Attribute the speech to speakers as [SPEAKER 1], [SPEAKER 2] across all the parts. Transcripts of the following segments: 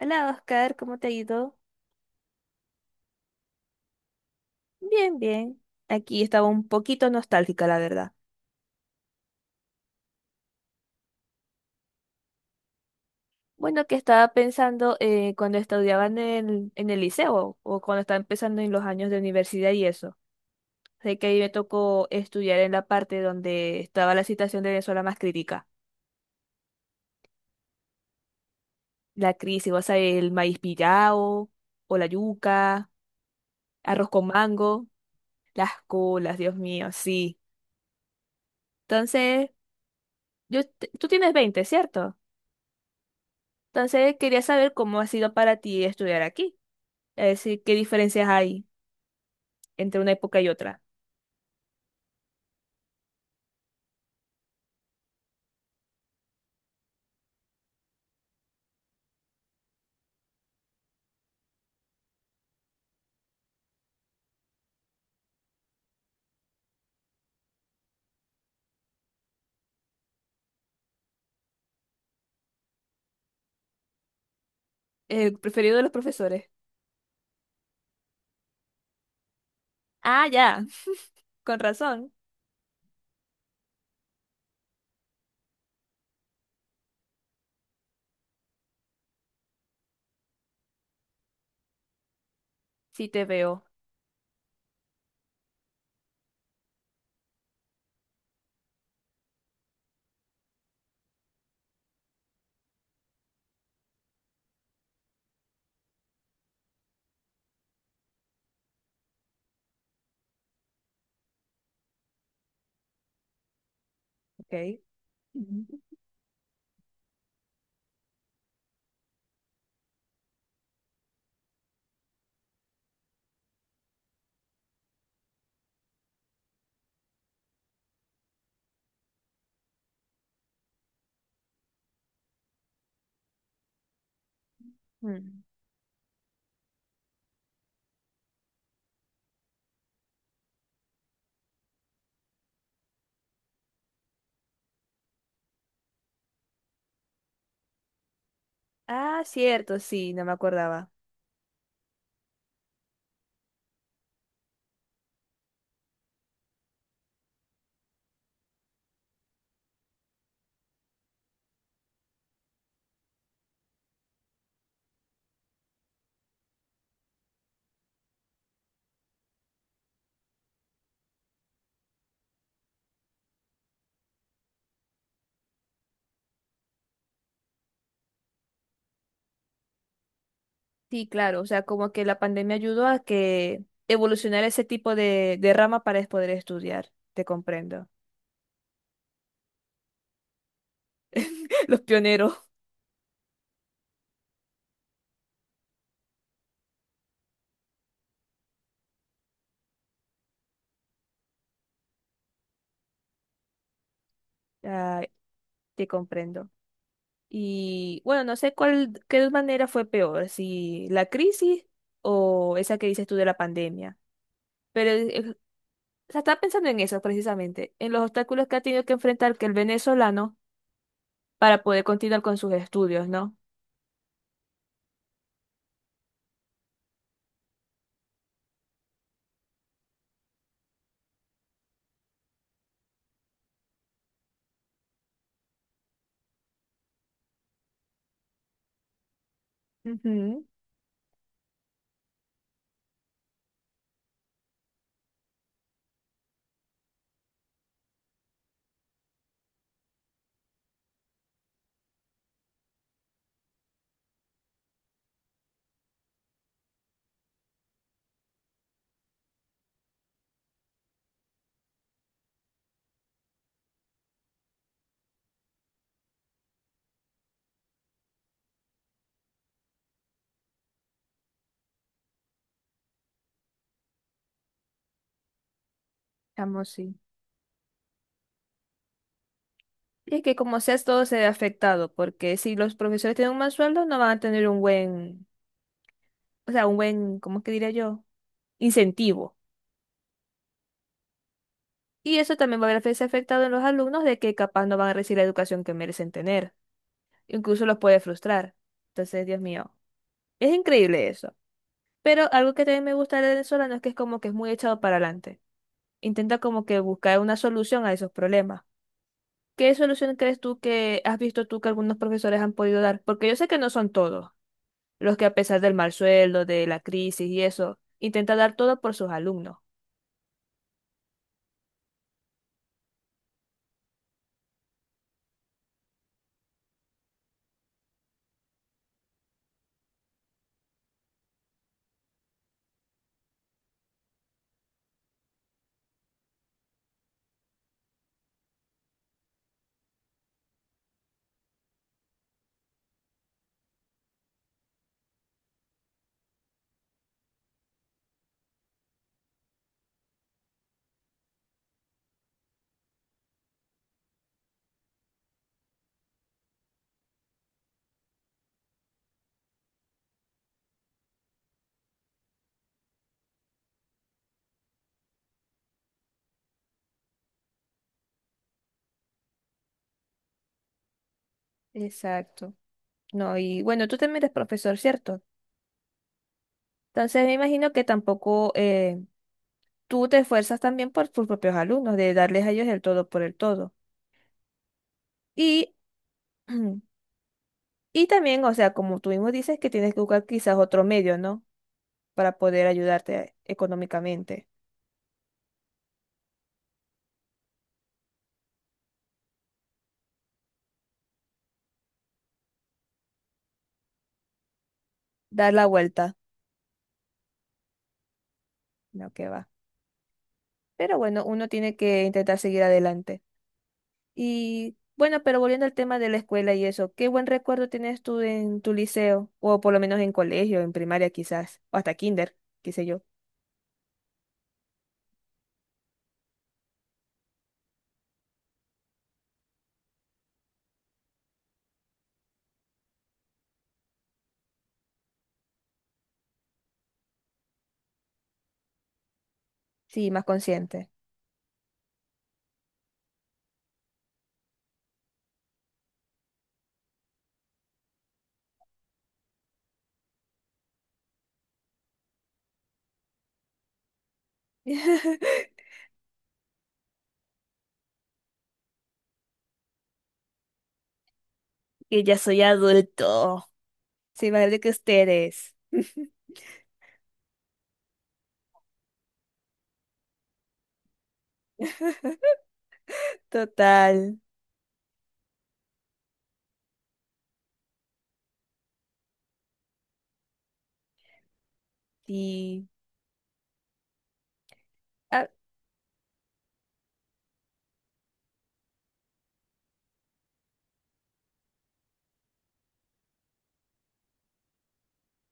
[SPEAKER 1] Hola Oscar, ¿cómo te ha ido? Bien, bien. Aquí estaba un poquito nostálgica, la verdad. Bueno, que estaba pensando cuando estudiaba en el liceo o cuando estaba empezando en los años de universidad y eso. Sé que ahí me tocó estudiar en la parte donde estaba la situación de Venezuela más crítica. La crisis, o sea, el maíz pillao, o la yuca, arroz con mango, las colas, Dios mío, sí. Entonces, tú tienes 20, ¿cierto? Entonces, quería saber cómo ha sido para ti estudiar aquí. Es decir, qué diferencias hay entre una época y otra. El preferido de los profesores. Ah, ya, con razón. Sí te veo. Ok. Ujú. Mm. Ah, cierto, sí, no me acordaba. Sí, claro, o sea, como que la pandemia ayudó a que evolucionara ese tipo de rama para es poder estudiar. Te comprendo. Los pioneros. Ay, te comprendo. Y bueno, no sé cuál, qué manera fue peor, si la crisis o esa que dices tú de la pandemia. Pero o sea, estaba pensando en eso precisamente, en los obstáculos que ha tenido que enfrentar que el venezolano para poder continuar con sus estudios, ¿no? Ujú, chamo, sí. Y es que como sea, todo se ve afectado, porque si los profesores tienen un mal sueldo, no van a tener un buen, o sea, un buen, ¿cómo es que diría yo? Incentivo. Y eso también va a verse afectado en los alumnos de que capaz no van a recibir la educación que merecen tener. Incluso los puede frustrar. Entonces, Dios mío, es increíble eso. Pero algo que también me gusta de venezolano es que es como que es muy echado para adelante. Intenta como que buscar una solución a esos problemas. ¿Qué solución crees tú que has visto tú que algunos profesores han podido dar? Porque yo sé que no son todos los que a pesar del mal sueldo, de la crisis y eso, intenta dar todo por sus alumnos. Exacto. No, y bueno, tú también eres profesor, ¿cierto? Entonces me imagino que tampoco tú te esfuerzas también por tus propios alumnos, de darles a ellos el todo por el todo. Y, y también, o sea, como tú mismo dices, que tienes que buscar quizás otro medio, ¿no? Para poder ayudarte económicamente, dar la vuelta, no que va. Pero bueno, uno tiene que intentar seguir adelante. Y bueno, pero volviendo al tema de la escuela y eso, ¿qué buen recuerdo tienes tú en tu liceo? O por lo menos en colegio, en primaria quizás, o hasta kinder, qué sé yo. Sí, más consciente. Que ya soy adulto. Sí, más grande que ustedes. Total. Y Ah,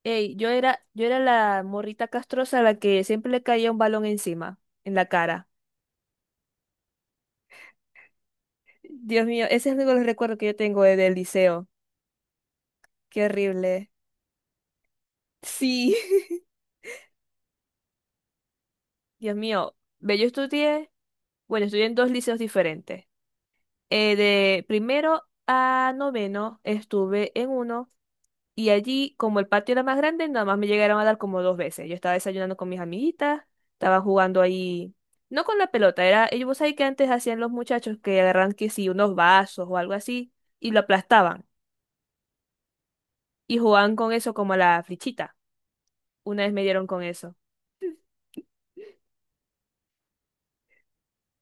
[SPEAKER 1] ey, yo era la morrita castrosa a la que siempre le caía un balón encima, en la cara. Dios mío, ese es uno de los recuerdos que yo tengo del liceo. Qué horrible. Sí. Dios mío, ve, yo estudié, bueno, estudié en dos liceos diferentes. De primero a noveno estuve en uno. Y allí, como el patio era más grande, nada más me llegaron a dar como 2 veces. Yo estaba desayunando con mis amiguitas, estaba jugando ahí, no con la pelota, era, ellos vos sabés que antes hacían los muchachos que agarran que sí, unos vasos o algo así, y lo aplastaban, y jugaban con eso como a la flichita. Una vez me dieron con eso.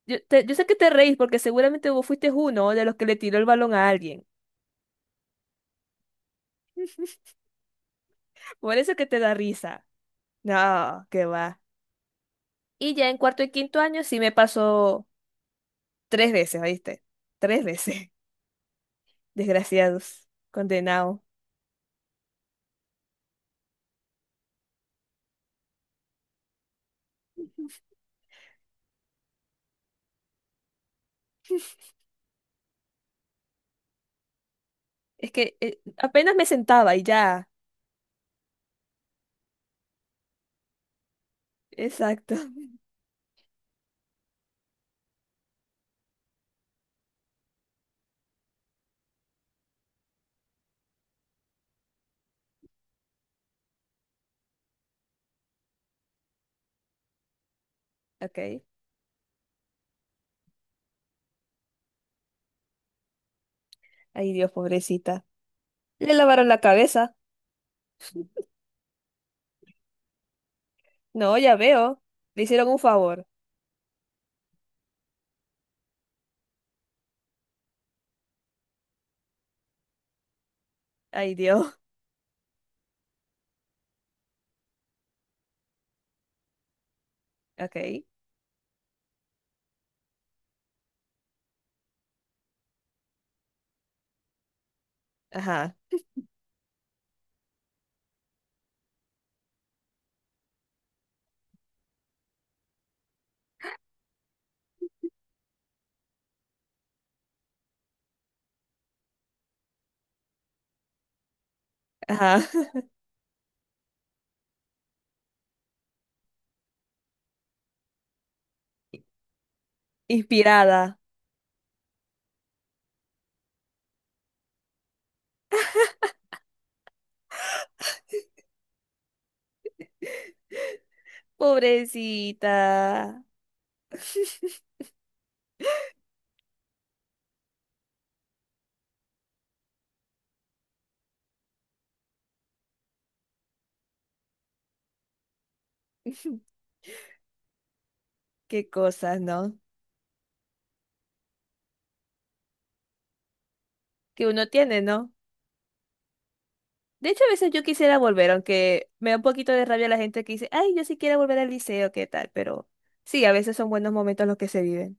[SPEAKER 1] Yo sé que te reís porque seguramente vos fuiste uno de los que le tiró el balón a alguien. Por eso que te da risa. No, qué va. Y ya en cuarto y quinto año sí me pasó 3 veces, ¿oíste? 3 veces. Desgraciados, condenados. Es que apenas me sentaba y ya. Exacto. Ok. Ay, Dios, pobrecita. Le lavaron la cabeza. No, ya veo. Le hicieron un favor. Ay, Dios. Ok. Ajá. Ajá. Inspirada. Pobrecita. Qué cosas, ¿no? Que uno tiene, ¿no? De hecho, a veces yo quisiera volver, aunque me da un poquito de rabia la gente que dice, ay, yo sí quiero volver al liceo, ¿qué tal? Pero sí, a veces son buenos momentos los que se viven,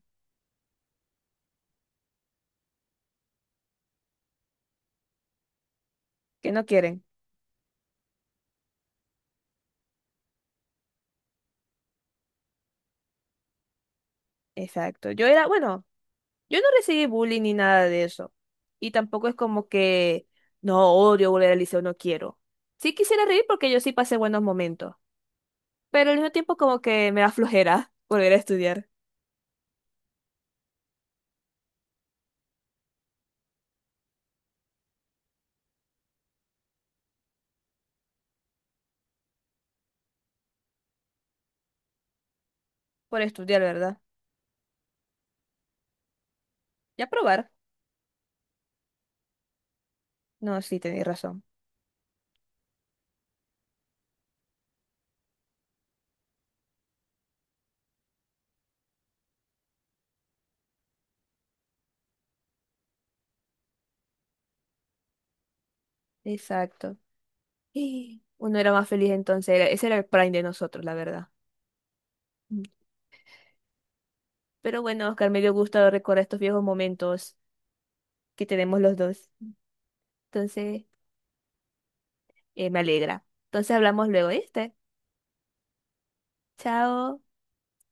[SPEAKER 1] que no quieren. Exacto. Yo era, bueno, yo no recibí bullying ni nada de eso. Y tampoco es como que, no, odio volver al liceo, no quiero. Sí quisiera reír porque yo sí pasé buenos momentos, pero al mismo tiempo como que me da flojera volver a estudiar. Por estudiar, ¿verdad? Y a probar. No, sí, tenéis razón. Exacto. Y uno era más feliz entonces, ese era el prime de nosotros, la verdad. Mm. Pero bueno, Oscar, me dio gusto recordar estos viejos momentos que tenemos los dos. Entonces, me alegra. Entonces hablamos luego, ¿viste? Chao.